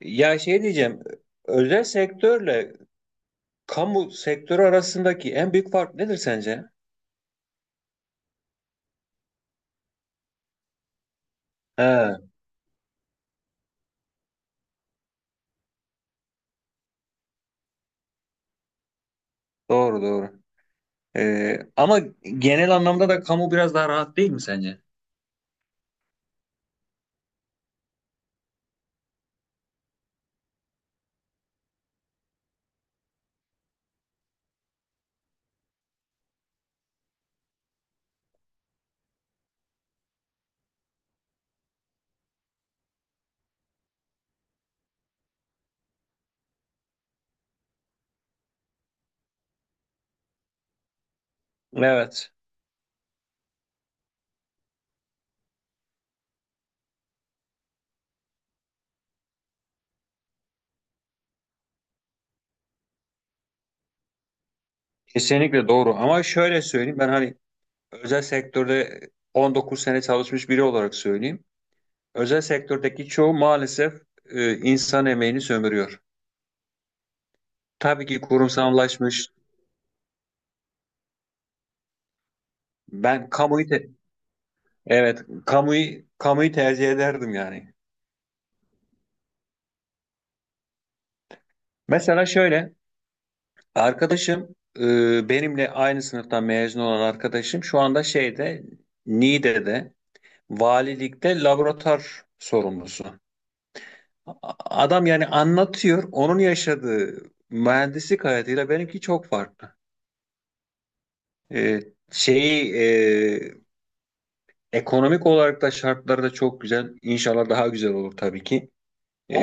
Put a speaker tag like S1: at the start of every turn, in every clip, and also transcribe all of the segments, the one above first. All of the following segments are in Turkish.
S1: Ya şey diyeceğim, özel sektörle kamu sektörü arasındaki en büyük fark nedir sence? He, doğru doğru. Ama genel anlamda da kamu biraz daha rahat değil mi sence? Evet, kesinlikle doğru. Ama şöyle söyleyeyim, ben hani özel sektörde 19 sene çalışmış biri olarak söyleyeyim. Özel sektördeki çoğu maalesef insan emeğini sömürüyor. Tabii ki kurumsallaşmış. Ben kamuyu te- evet, kamuyu tercih ederdim yani. Mesela şöyle, arkadaşım, benimle aynı sınıftan mezun olan arkadaşım şu anda şeyde, Niğde'de valilikte laboratuvar sorumlusu. A- Adam yani anlatıyor, onun yaşadığı mühendislik hayatıyla benimki çok farklı. E, şeyi, ekonomik olarak da şartları da çok güzel. İnşallah daha güzel olur tabii ki. E,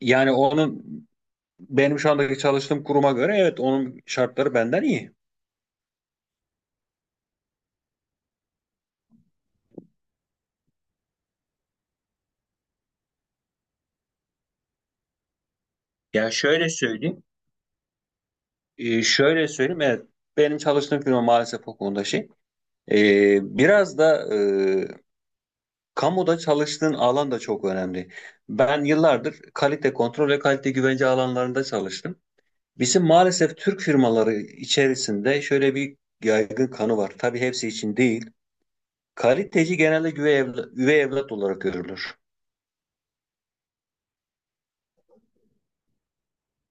S1: yani onun, benim şu andaki çalıştığım kuruma göre evet, onun şartları benden iyi. Ya şöyle söyleyeyim. Şöyle söyleyeyim, evet, benim çalıştığım firma maalesef o konuda şey. Biraz da kamuda çalıştığın alan da çok önemli. Ben yıllardır kalite kontrol ve kalite güvence alanlarında çalıştım. Bizim maalesef Türk firmaları içerisinde şöyle bir yaygın kanı var. Tabii hepsi için değil. Kaliteci genelde üvey evlat, üvey evlat olarak görülür.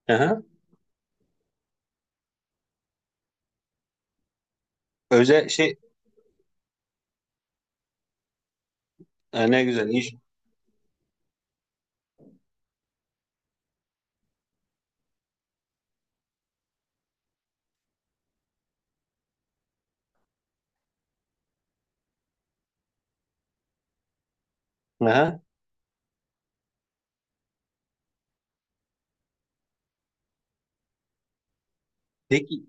S1: Aha. Özel şey, ha, ne güzel iş. Aha. Peki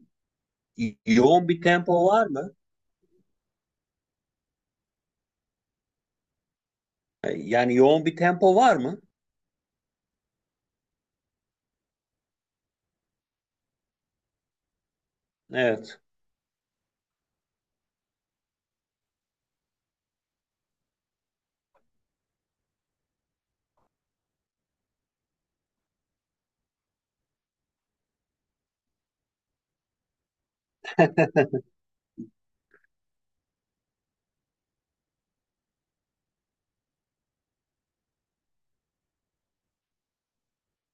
S1: yoğun bir tempo var mı? Yani yoğun bir tempo var mı? Evet.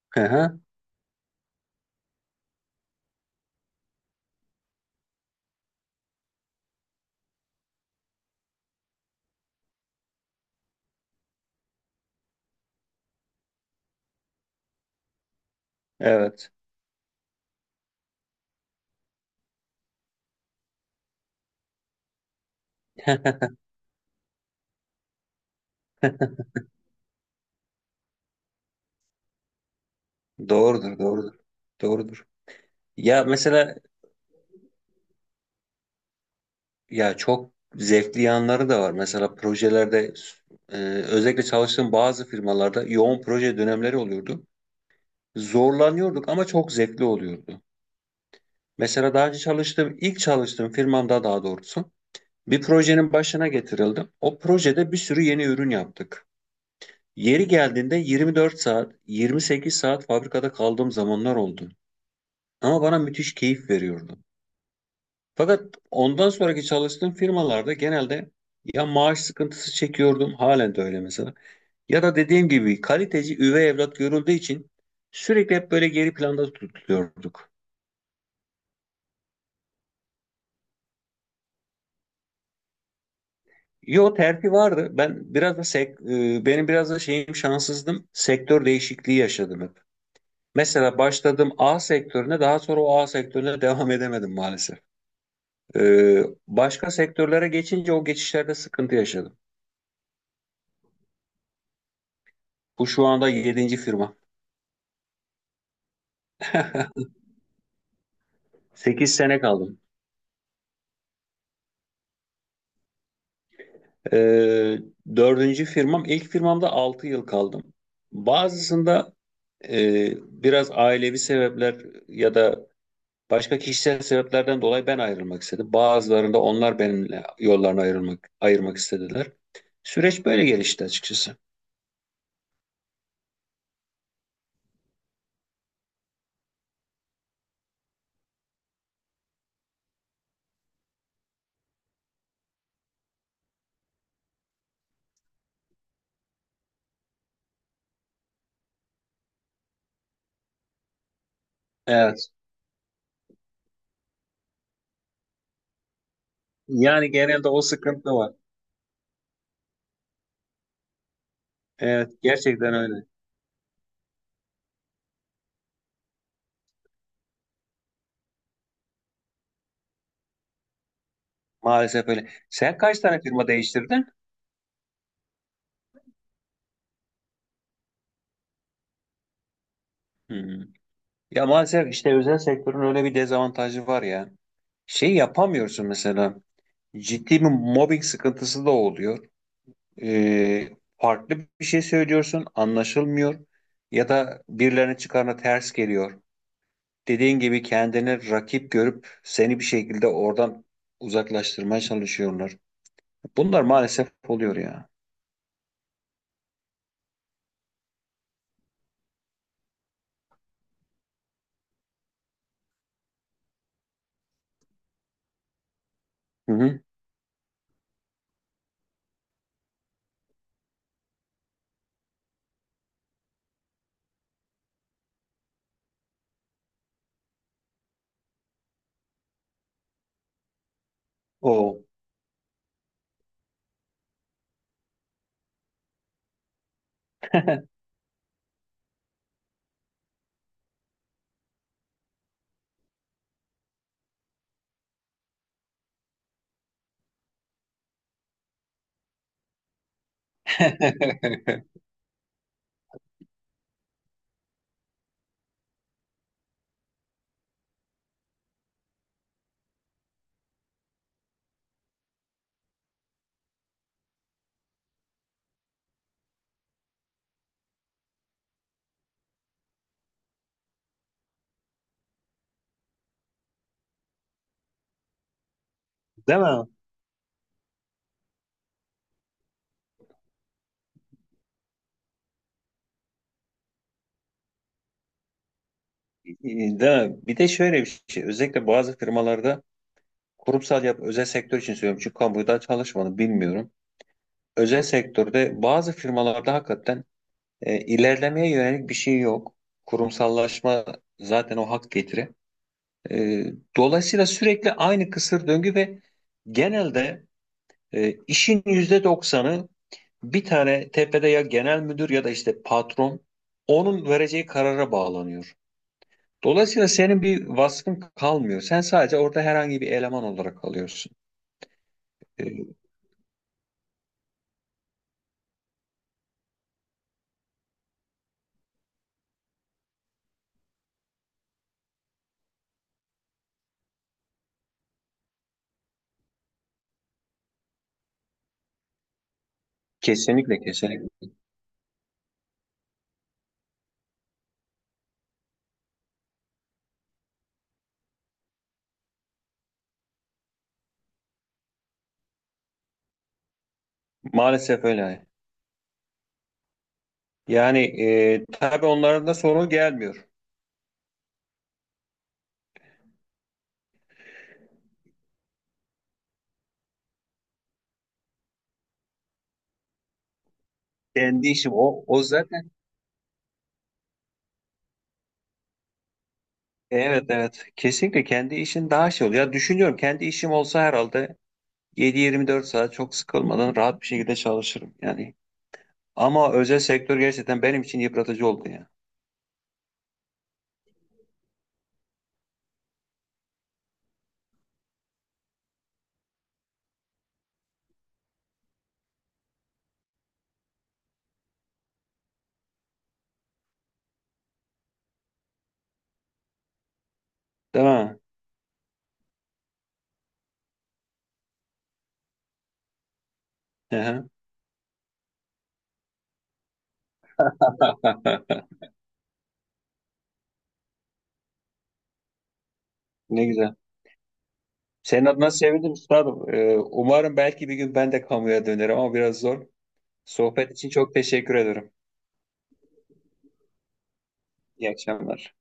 S1: Hı hı, evet. Doğrudur, doğrudur. Doğrudur. Ya mesela, ya çok zevkli yanları da var. Mesela projelerde, e, özellikle çalıştığım bazı firmalarda yoğun proje dönemleri oluyordu. Zorlanıyorduk ama çok zevkli oluyordu. Mesela daha önce çalıştığım, ilk çalıştığım firmamda daha doğrusu bir projenin başına getirildim. O projede bir sürü yeni ürün yaptık. Yeri geldiğinde 24 saat, 28 saat fabrikada kaldığım zamanlar oldu. Ama bana müthiş keyif veriyordu. Fakat ondan sonraki çalıştığım firmalarda genelde ya maaş sıkıntısı çekiyordum, halen de öyle mesela. Ya da dediğim gibi kaliteci üvey evlat görüldüğü için sürekli hep böyle geri planda tutuluyorduk. Yo, terfi vardı. Benim biraz da şeyim, şanssızdım. Sektör değişikliği yaşadım hep. Mesela başladım A sektörüne, daha sonra o A sektörüne devam edemedim maalesef. Ee, başka sektörlere geçince o geçişlerde sıkıntı yaşadım. Bu şu anda yedinci firma. 8 sene kaldım. Ee, dördüncü firmam. İlk firmamda 6 yıl kaldım. Bazısında e, biraz ailevi sebepler ya da başka kişisel sebeplerden dolayı ben ayrılmak istedim. Bazılarında onlar benimle yollarını ayrılmak, ayırmak istediler. Süreç böyle gelişti açıkçası. Evet. Yani genelde o sıkıntı var. Evet, gerçekten öyle. Maalesef öyle. Sen kaç tane firma değiştirdin? Hmm. Ya maalesef işte özel sektörün öyle bir dezavantajı var ya. Şey yapamıyorsun mesela. Ciddi bir mobbing sıkıntısı da oluyor. Ee, farklı bir şey söylüyorsun, anlaşılmıyor ya da birilerinin çıkarına ters geliyor. Dediğin gibi kendini rakip görüp seni bir şekilde oradan uzaklaştırmaya çalışıyorlar. Bunlar maalesef oluyor ya. Hı hı. O. Değil mi? Değil mi? Bir de şöyle bir şey. Özellikle bazı firmalarda kurumsal yap, özel sektör için söylüyorum. Çünkü kamuda çalışmadım, bilmiyorum. Özel sektörde bazı firmalarda hakikaten, ilerlemeye yönelik bir şey yok. Kurumsallaşma zaten o hak getiri. E, dolayısıyla sürekli aynı kısır döngü ve genelde işin %90'ı bir tane tepede, ya genel müdür ya da işte patron, onun vereceği karara bağlanıyor. Dolayısıyla senin bir vasfın kalmıyor. Sen sadece orada herhangi bir eleman olarak kalıyorsun. E, kesinlikle kesinlikle. Maalesef öyle. Yani tabii onların da sorun gelmiyor. Kendi işim o, o zaten. Evet evet, kesinlikle kendi işin daha şey oluyor. Ya düşünüyorum, kendi işim olsa herhalde 7-24 saat çok sıkılmadan rahat bir şekilde çalışırım yani. Ama özel sektör gerçekten benim için yıpratıcı oldu ya. Değil mi? Hı hı. Ne güzel. Senin adına sevindim üstadım. Umarım belki bir gün ben de kamuya dönerim ama biraz zor. Sohbet için çok teşekkür ederim. İyi akşamlar.